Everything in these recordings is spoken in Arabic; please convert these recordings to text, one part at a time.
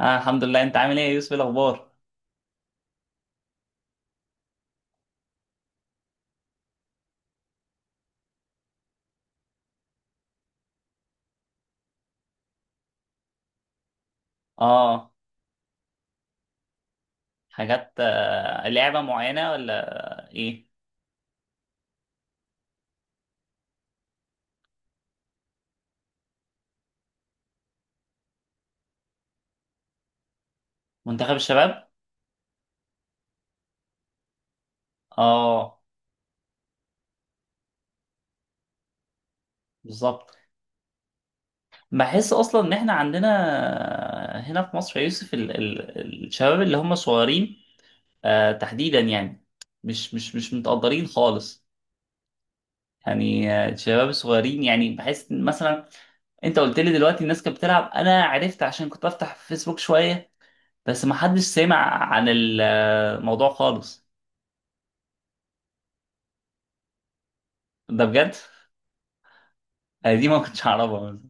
آه، الحمد لله. انت عامل ايه يا يوسف؟ إيه الاخبار؟ اه حاجات، آه، لعبة معينة ولا ايه؟ منتخب الشباب، اه. بالظبط، بحس اصلا ان احنا عندنا، هنا في مصر يا يوسف، ال الشباب اللي هم صغيرين، آه، تحديدا يعني مش متقدرين خالص. يعني الشباب الصغيرين، يعني بحس إن مثلا انت قلت لي دلوقتي الناس كانت بتلعب. انا عرفت عشان كنت افتح في فيسبوك شوية، بس ما حدش سمع عن الموضوع خالص. ده بجد أنا دي ما كنتش أعرفها مثلا.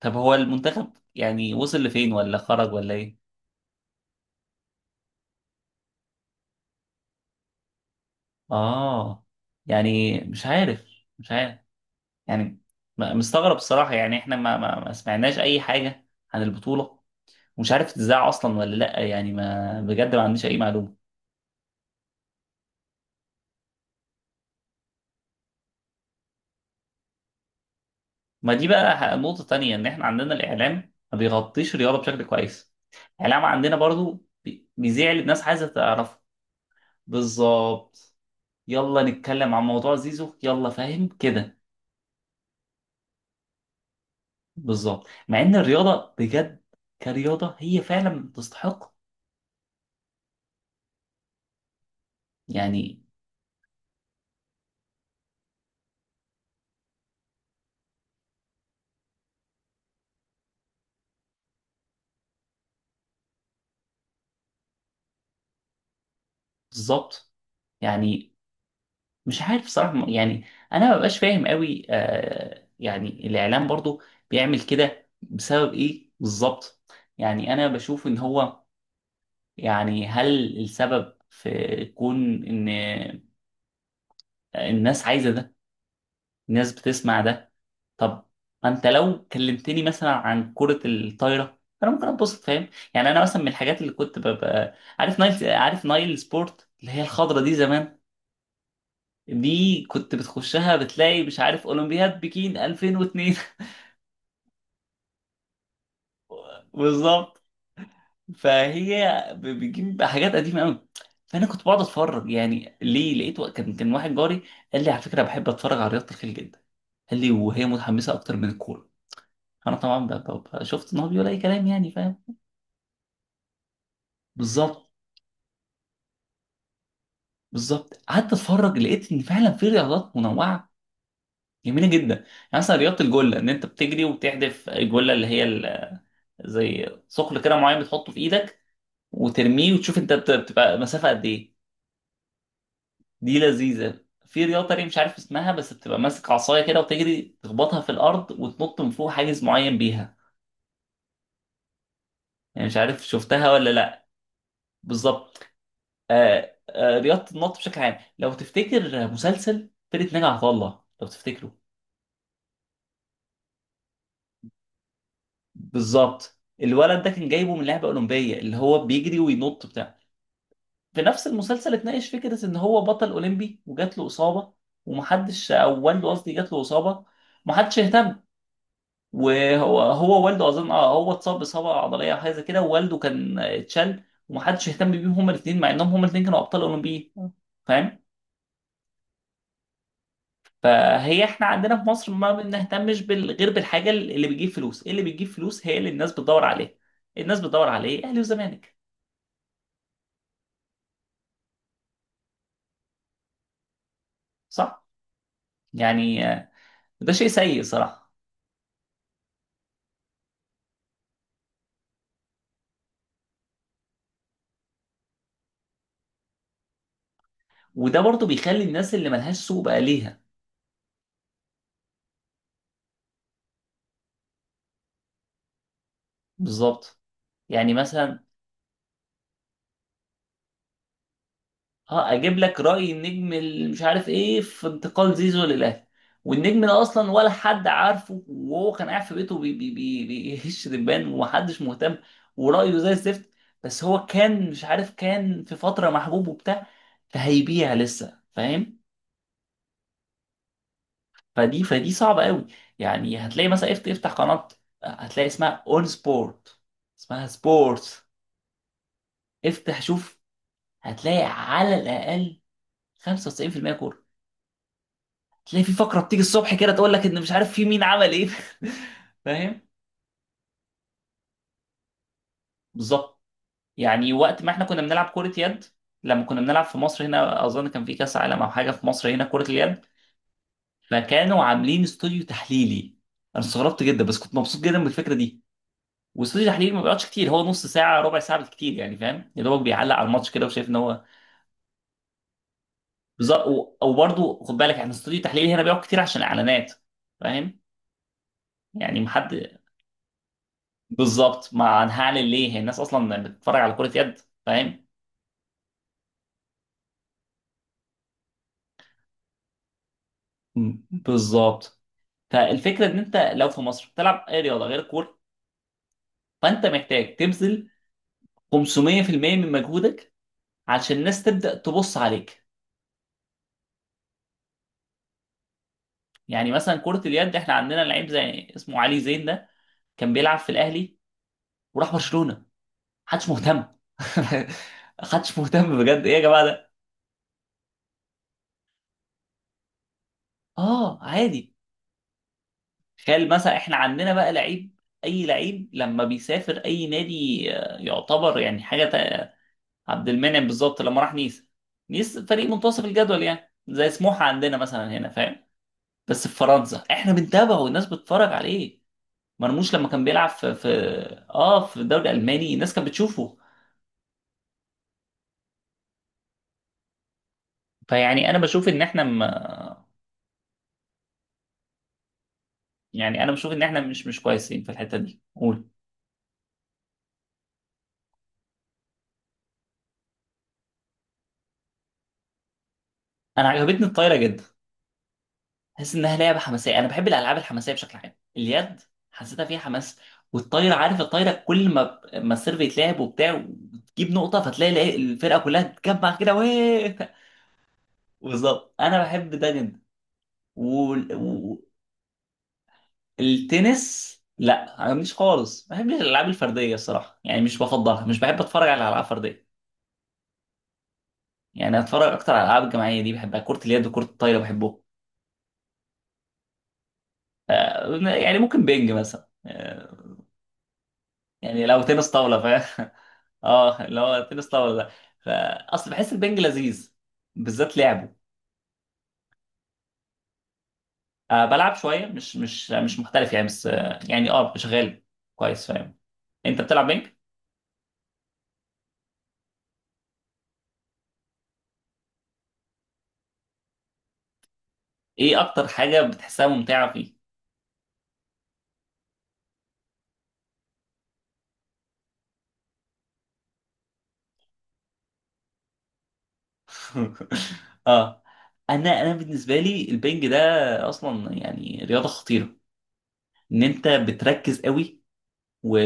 طب هو المنتخب يعني وصل لفين ولا خرج ولا إيه؟ آه، يعني مش عارف، مش عارف. يعني مستغرب الصراحة. يعني إحنا ما سمعناش أي حاجة عن البطولة، ومش عارف تتذاع أصلا ولا لأ. يعني ما بجد ما عنديش أي معلومة. ما دي بقى نقطة تانية، إن إحنا عندنا الإعلام ما بيغطيش الرياضة بشكل كويس. الإعلام عندنا برضو بيذيع اللي الناس عايزة تعرفه. بالظبط، يلا نتكلم عن موضوع زيزو، يلا، فاهم كده. بالظبط، مع ان الرياضه بجد كرياضه هي فعلا تستحق. يعني بالظبط، يعني مش عارف صراحه. يعني انا ما ببقاش فاهم قوي، آه، يعني الاعلام برضو بيعمل كده بسبب ايه بالظبط؟ يعني انا بشوف ان هو، يعني هل السبب في كون ان الناس عايزه ده، الناس بتسمع ده؟ طب انت لو كلمتني مثلا عن كرة الطايرة انا ممكن اتبسط، فاهم؟ يعني انا مثلا من الحاجات اللي كنت ببقى عارف نايل، عارف نايل سبورت اللي هي الخضرة دي زمان؟ دي كنت بتخشها بتلاقي مش عارف اولمبياد بكين 2002. بالظبط. فهي بتجيب حاجات قديمة قوي. فانا كنت بقعد اتفرج. يعني ليه؟ لقيت كان واحد جاري قال لي على فكرة بحب اتفرج على رياضة الخيل جدا، قال لي وهي متحمسة اكتر من الكورة. انا طبعا شفت ان هو بيقول اي كلام، يعني فاهم. بالظبط، بالظبط. قعدت اتفرج لقيت ان فعلا في رياضات منوعه جميله جدا. يعني مثلا رياضه الجله، ان انت بتجري وبتحدف الجله اللي هي زي ثقل كده معين بتحطه في ايدك وترميه وتشوف انت بتبقى مسافه قد ايه. دي لذيذه. في رياضه تانية مش عارف اسمها، بس بتبقى ماسك عصايه كده وتجري تخبطها في الارض وتنط من فوق حاجز معين بيها، يعني مش عارف شفتها ولا لا. بالظبط. آه آه، رياضه النط بشكل عام، لو تفتكر مسلسل فرقه ناجي عطا الله، لو تفتكره. بالظبط، الولد ده كان جايبه من لعبه اولمبيه، اللي هو بيجري وينط بتاع في نفس المسلسل اتناقش فكره ان هو بطل اولمبي وجات له اصابه، ومحدش، او والده قصدي جات له اصابه ومحدش اهتم. وهو والده اظن، اه، هو اتصاب باصابه عضليه او حاجه زي كده، ووالده كان اتشل ومحدش اهتم بيهم هما الاثنين، مع انهم هما الاثنين كانوا ابطال اولمبيين، فاهم. فهي احنا عندنا في مصر ما بنهتمش غير بالحاجه اللي بتجيب فلوس. إيه اللي بتجيب فلوس هي اللي الناس بتدور عليها. الناس بتدور على ايه؟ اهلي وزمالك. صح، يعني، ده شيء سيء صراحة. وده برضو بيخلي الناس اللي ملهاش سوق بقى ليها. بالظبط. يعني مثلا اه اجيب لك رأي النجم اللي مش عارف ايه في انتقال زيزو للاهلي، والنجم ده اصلا ولا حد عارفه، وهو كان قاعد في بيته بي بي بي بيهش دبان ومحدش مهتم، ورأيه زي الزفت. بس هو كان، مش عارف، كان في فترة محبوب وبتاع، فهيبيع لسه، فاهم. فدي صعبة قوي. يعني هتلاقي مثلا افتح قناة، هتلاقي اسمها اون سبورت، اسمها سبورتس، افتح شوف، هتلاقي على الأقل 95% كورة. تلاقي في فقرة بتيجي الصبح كده تقول لك ان مش عارف في مين عمل ايه. فاهم. بالظبط. يعني وقت ما احنا كنا بنلعب كرة يد، لما كنا بنلعب في مصر هنا، اظن كان في كاس عالم او حاجة في مصر هنا كرة اليد، فكانوا عاملين استوديو تحليلي. انا استغربت جدا بس كنت مبسوط جدا بالفكرة دي. واستوديو تحليل ما بيقعدش كتير، هو نص ساعه، ربع ساعه بالكتير، يعني فاهم، يا دوبك بيعلق على الماتش كده، وشايف ان هو بالظبط. او برضه خد بالك احنا استوديو التحليل هنا بيقعد كتير عشان الاعلانات، فاهم. يعني محد، بالظبط، ما هنعلن ليه، هي الناس اصلا بتتفرج على كره يد؟ فاهم. بالظبط. فالفكره ان انت لو في مصر بتلعب اي رياضه غير الكوره، فانت محتاج تبذل 500% من مجهودك عشان الناس تبدا تبص عليك. يعني مثلا كره اليد احنا عندنا لعيب زي اسمه علي زين ده، كان بيلعب في الاهلي وراح برشلونه، محدش مهتم. محدش مهتم بجد. ايه يا جماعه ده. اه، عادي. تخيل مثلا احنا عندنا بقى لعيب، اي لعيب لما بيسافر اي نادي، آه، يعتبر يعني حاجه عبد المنعم بالظبط لما راح نيس، نيس فريق منتصف الجدول يعني زي سموحه عندنا مثلا هنا، فاهم. بس في فرنسا احنا بنتابعه والناس بتتفرج عليه. مرموش لما كان بيلعب في في الدوري الالماني الناس كانت بتشوفه. فيعني انا بشوف ان احنا م... يعني انا بشوف ان احنا مش كويسين في الحته دي، قول. انا عجبتني الطايره جدا، حاسس انها لعبه حماسيه. انا بحب الالعاب الحماسيه بشكل عام، اليد حسيتها فيها حماس. والطايره، عارف الطايره كل ما السيرف يتلعب وبتاع وتجيب نقطه، فتلاقي الفرقه كلها تجمع كده ويه. بالظبط، انا بحب ده جدا. والتنس، لا، ما عجبنيش خالص، ما بحبش الالعاب الفرديه الصراحه، يعني مش بفضلها، مش بحب اتفرج على العاب فرديه. يعني اتفرج اكتر على الالعاب الجماعيه، دي بحبها، كره اليد وكره الطايره بحبهم. آه، يعني ممكن بينج مثلا، آه، يعني لو تنس طاولة، فاهم. اه اللي هو تنس طاولة ده، فأصل بحس البنج لذيذ، بالذات لعبه. آه، بلعب شوية، مش محترف يعني، بس آه يعني اه شغال كويس، فاهم. انت بتلعب بنج؟ ايه اكتر حاجة بتحسها ممتعة فيه؟ اه. انا انا بالنسبة لي البنج ده اصلا يعني رياضة خطيرة. ان انت بتركز قوي، و...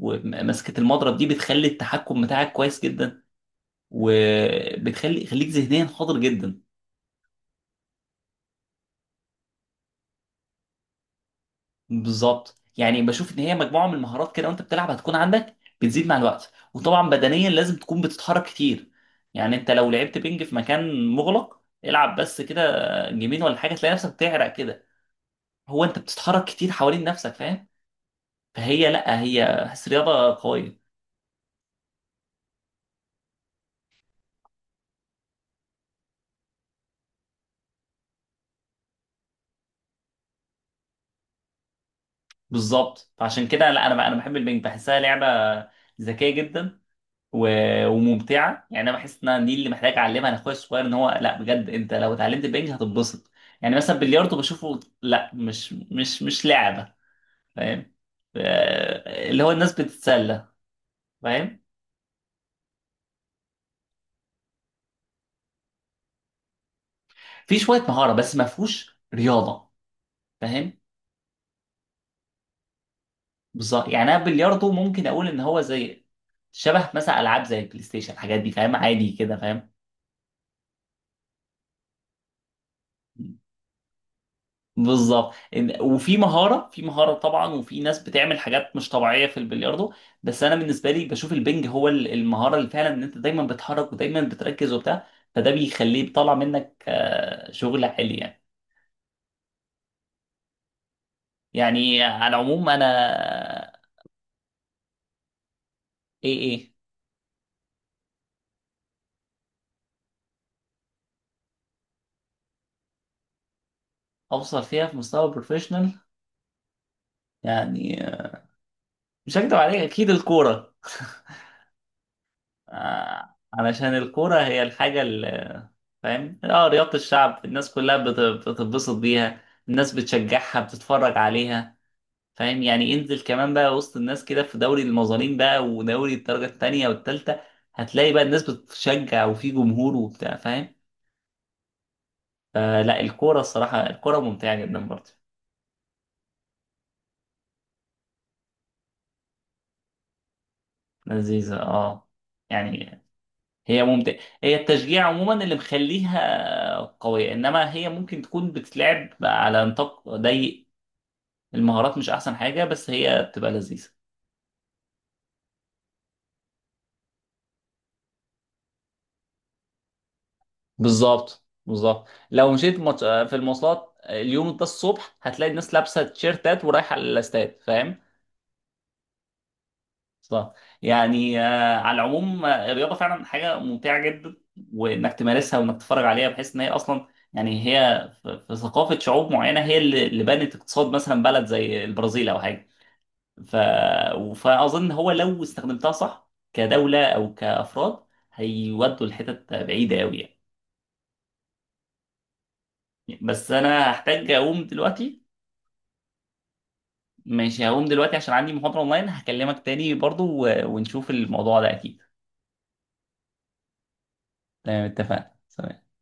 ومسكة المضرب دي بتخلي التحكم بتاعك كويس جدا، وبتخلي خليك ذهنيا حاضر جدا. بالظبط، يعني بشوف ان هي مجموعه من المهارات كده، وانت بتلعب هتكون عندك، بتزيد مع الوقت. وطبعا بدنيا لازم تكون بتتحرك كتير. يعني انت لو لعبت بينج في مكان مغلق، العب بس كده جيمين ولا حاجه، تلاقي نفسك بتعرق كده. هو انت بتتحرك كتير حوالين نفسك، فاهم. فهي، لا، هي بحس رياضه قويه. بالظبط، فعشان كده لا، انا انا بحب البينج، بحسها لعبه ذكيه جدا، وممتعه. يعني انا بحس ان أنا دي اللي محتاج اعلمها لاخويا الصغير، ان هو لا بجد انت لو اتعلمت البنج هتتبسط. يعني مثلا بلياردو بشوفه لا، مش لعبه، فاهم، آه، اللي هو الناس بتتسلى، فاهم. في شويه مهاره، بس ما فيهوش رياضه، فاهم. بالظبط، يعني انا بلياردو ممكن اقول ان هو زي شبه مثلا العاب زي البلاي ستيشن، الحاجات دي فاهم، عادي كده، فاهم. بالظبط، وفي مهاره، في مهاره طبعا، وفي ناس بتعمل حاجات مش طبيعيه في البلياردو. بس انا بالنسبه لي بشوف البنج هو المهاره اللي فعلا ان انت دايما بتحرك ودايما بتركز وبتاع، فده بيخليه بيطلع منك آه، شغل عالي يعني. يعني على العموم انا، ايه ايه، اوصل فيها في مستوى بروفيشنال. يعني آه، مش هكدب عليك، اكيد الكوره. آه، علشان الكورة هي الحاجة اللي، فاهم، اه، رياضة الشعب، الناس كلها بتتبسط بيها، الناس بتشجعها، بتتفرج عليها، فاهم. يعني انزل كمان بقى وسط الناس كده في دوري المظالم بقى ودوري الدرجة التانية والتالتة، هتلاقي بقى الناس بتشجع، وفي جمهور وبتاع، فاهم. فلا الكورة الصراحة، الكورة ممتعة جدا برضه، لذيذة، اه. يعني هي ممتعة، هي التشجيع عموما اللي مخليها قوية، انما هي ممكن تكون بتتلعب على نطاق ضيق، المهارات مش احسن حاجه، بس هي بتبقى لذيذه. بالظبط، بالظبط، لو مشيت في المواصلات اليوم ده الصبح، هتلاقي الناس لابسه تيشيرتات ورايحه الاستاد، فاهم. صح. يعني آه، على العموم آه، الرياضه فعلا حاجه ممتعه جدا، وانك تمارسها وانك تتفرج عليها، بحيث ان هي اصلا، يعني هي في ثقافه شعوب معينه هي اللي بنت اقتصاد مثلا بلد زي البرازيل او حاجه. ف... فاظن هو لو استخدمتها صح كدوله او كافراد هيودوا لحتت بعيده قوي يعني. بس انا هحتاج اقوم دلوقتي. ماشي، هقوم دلوقتي عشان عندي محاضرة اونلاين، هكلمك تاني برضو ونشوف الموضوع ده اكيد. تمام، اتفقنا، سلام.